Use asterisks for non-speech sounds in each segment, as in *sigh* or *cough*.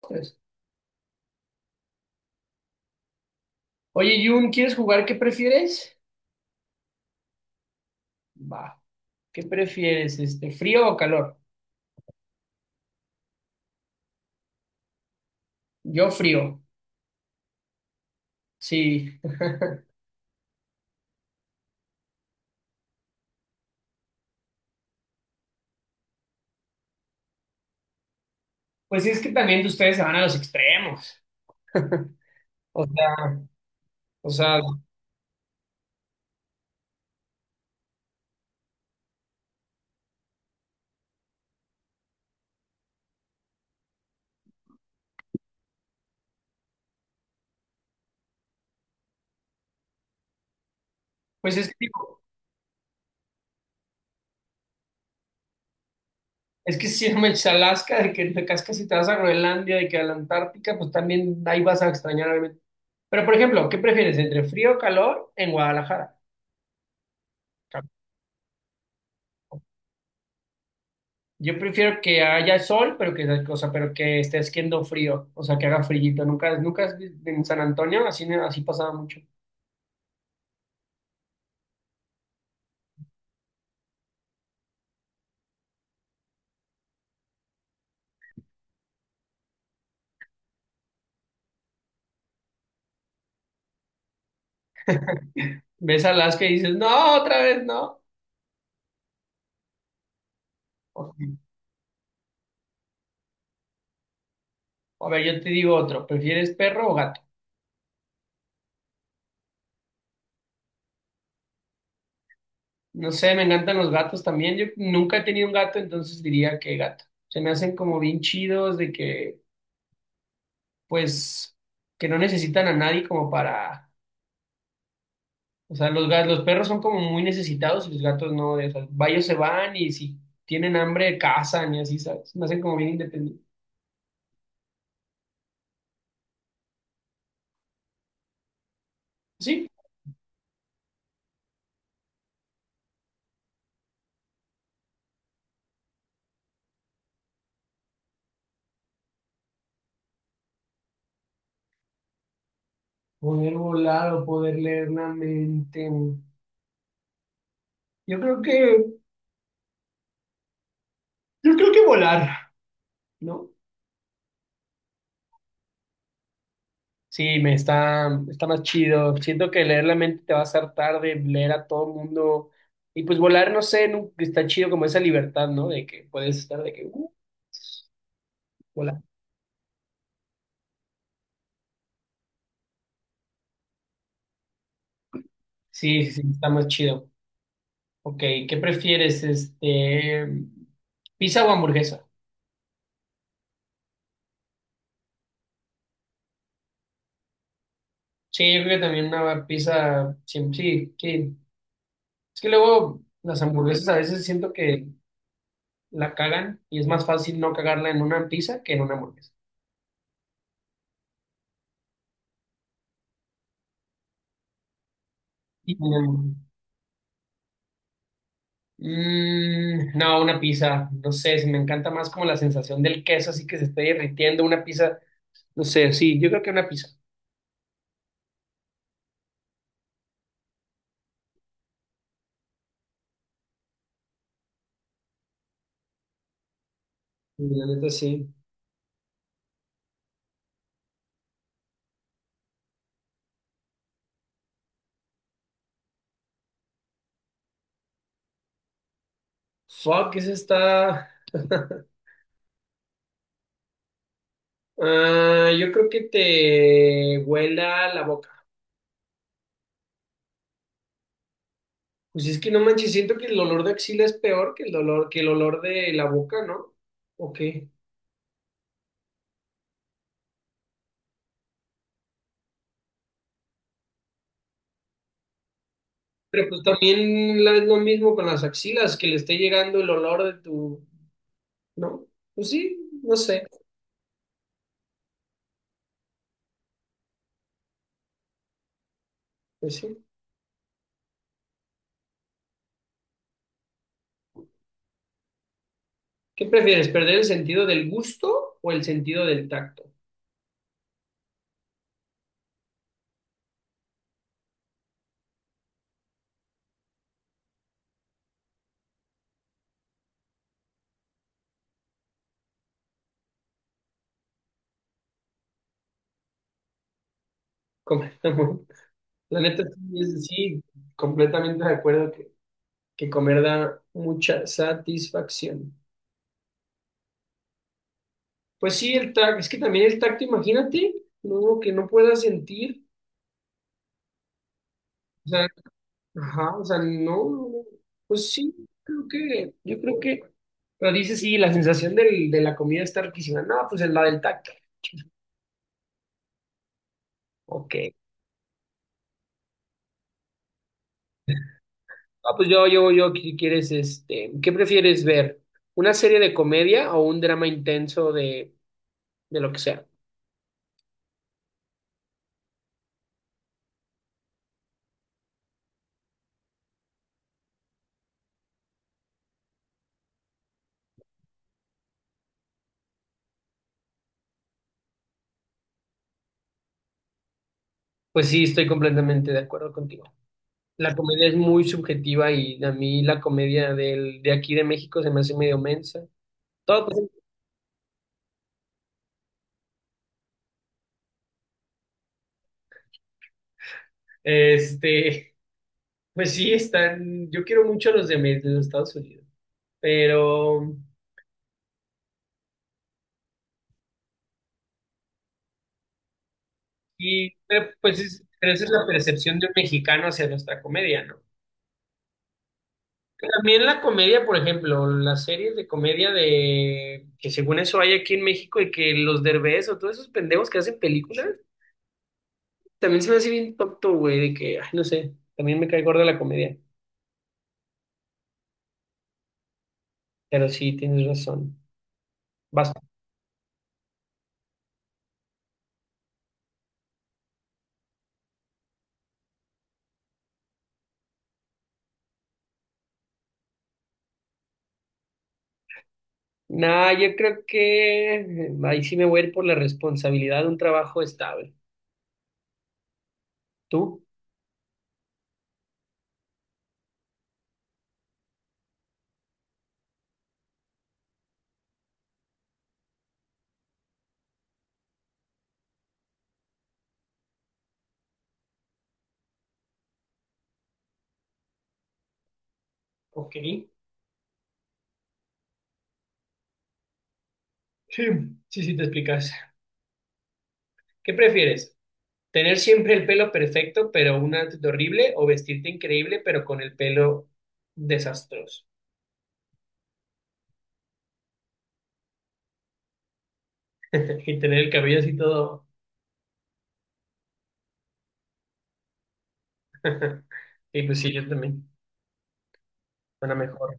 Pues, Oye, Jun, ¿quieres jugar qué prefieres? Va. ¿Qué prefieres, frío o calor? Yo frío. Sí. Pues es que también de ustedes se van a los extremos. O sea, o sea, pues es que digo, es que si no me echas a Alaska, de que te cascas si te vas a Groenlandia, de que a la Antártica, pues también ahí vas a extrañar, obviamente. Pero, por ejemplo, ¿qué prefieres entre frío o calor en Guadalajara? Yo prefiero que haya sol, pero que, o sea, pero que esté haciendo frío, o sea, que haga frillito. Nunca, nunca en San Antonio así, así pasaba mucho. Ves a Alaska y dices, no, otra vez no. Ok. A ver, yo te digo otro, ¿prefieres perro o gato? No sé, me encantan los gatos también. Yo nunca he tenido un gato, entonces diría que gato. Se me hacen como bien chidos de que, pues, que no necesitan a nadie como para. O sea, los perros son como muy necesitados y los gatos no. O sea, ellos se van y si tienen hambre cazan y así, ¿sabes? Me hacen como bien independientes. Sí. Poder volar o poder leer la mente. Yo creo que, yo creo que volar, ¿no? Sí, está más chido. Siento que leer la mente te va a hacer tarde, leer a todo el mundo. Y pues volar, no sé, está chido como esa libertad, ¿no? De que puedes estar de que, volar. Sí, sí, sí, está más chido. Ok, ¿qué prefieres? ¿Pizza o hamburguesa? Sí, yo creo que también una pizza, sí, sí, sí. Es que luego las hamburguesas a veces siento que la cagan y es más fácil no cagarla en una pizza que en una hamburguesa. Mm, no, una pizza, no sé, se me encanta más como la sensación del queso así que se está derritiendo una pizza, no sé, sí, yo creo que una pizza. Sí, la neta sí. Fuck, esa está. *laughs* Ah, yo creo que te huela la boca. Pues es que no manches, siento que el olor de axila es peor que el olor de la boca, ¿no? ¿O qué? Pero pues también es lo mismo con las axilas, que le esté llegando el olor de tu, ¿no? Pues sí, no sé, pues sí. ¿Qué prefieres, perder el sentido del gusto o el sentido del tacto? Comer, *laughs* la neta sí, sí, completamente de acuerdo que comer da mucha satisfacción. Pues sí, el tacto, es que también el tacto, imagínate, no, que no puedas sentir, o sea, ajá, o sea, no, no, no. Pues sí, yo creo que, pero dice sí, la sensación de la comida está riquísima, no, pues es la del tacto. Ok. Ah, pues ¿Qué prefieres ver? ¿Una serie de comedia o un drama intenso de lo que sea? Pues sí, estoy completamente de acuerdo contigo. La comedia es muy subjetiva y a mí la comedia de aquí de México se me hace medio mensa. Todo, este, pues sí, están, yo quiero mucho a los de los Estados Unidos, pero, pero esa es la percepción de un mexicano hacia nuestra comedia, ¿no? También la comedia, por ejemplo, las series de comedia de que según eso hay aquí en México y que los Derbez o todos esos pendejos que hacen películas, también se me hace bien tonto, güey, de que, ay, no sé, también me cae gorda la comedia. Pero sí, tienes razón. Vas. Nah, yo creo que ahí sí me voy a ir por la responsabilidad de un trabajo estable. ¿Tú? Ok. Sí, sí, sí, te explicas. ¿Qué prefieres? ¿Tener siempre el pelo perfecto, pero un outfit horrible? ¿O vestirte increíble, pero con el pelo desastroso? *laughs* Y tener el cabello así todo. *laughs* Y pues sí, yo también. Suena mejor.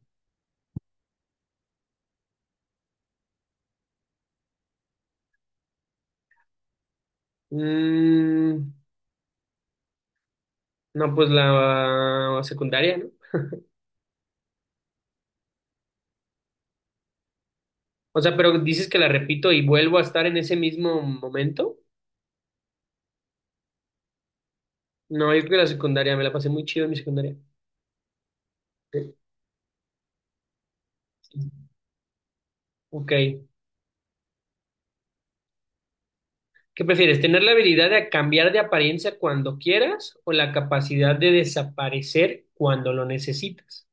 Mm, No, pues la secundaria, ¿no? O sea, pero dices que la repito y vuelvo a estar en ese mismo momento. No, yo creo que la secundaria, me la pasé muy chido en mi secundaria. Sí. Ok. ¿Qué prefieres? ¿Tener la habilidad de cambiar de apariencia cuando quieras o la capacidad de desaparecer cuando lo necesitas?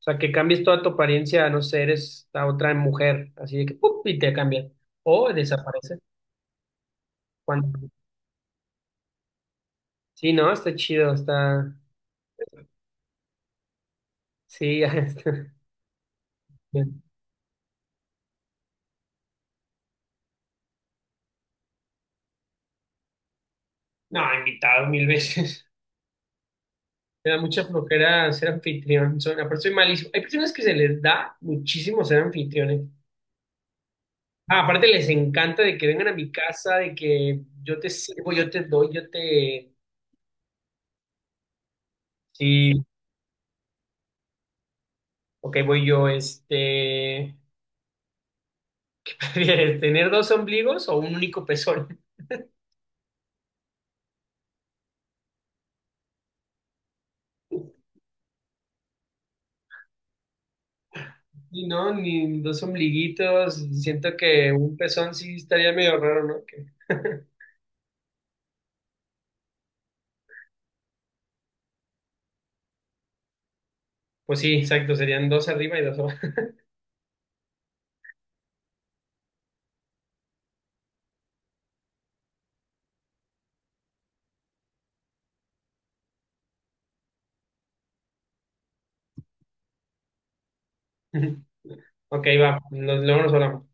O sea, que cambies toda tu apariencia, no sé, eres la otra mujer, así de que ¡pum! Y te cambia. O desaparece cuando. Sí, no, está chido, está. Sí, *laughs* ya está. No, invitado mil veces. *laughs* Me da mucha flojera ser anfitrión. Aparte soy malísimo. Hay personas que se les da muchísimo ser anfitriones. Ah, aparte les encanta de que vengan a mi casa, de que yo te sirvo, yo te doy, yo te... Sí, ok, voy yo. *laughs* ¿Qué prefieres? ¿Tener dos ombligos o un único pezón? *laughs* Y no, ni dos ombliguitos. Siento que un pezón sí estaría medio raro, ¿no? *laughs* Pues sí, exacto. Serían dos arriba y dos abajo. *laughs* Ok, va, luego nos hablamos.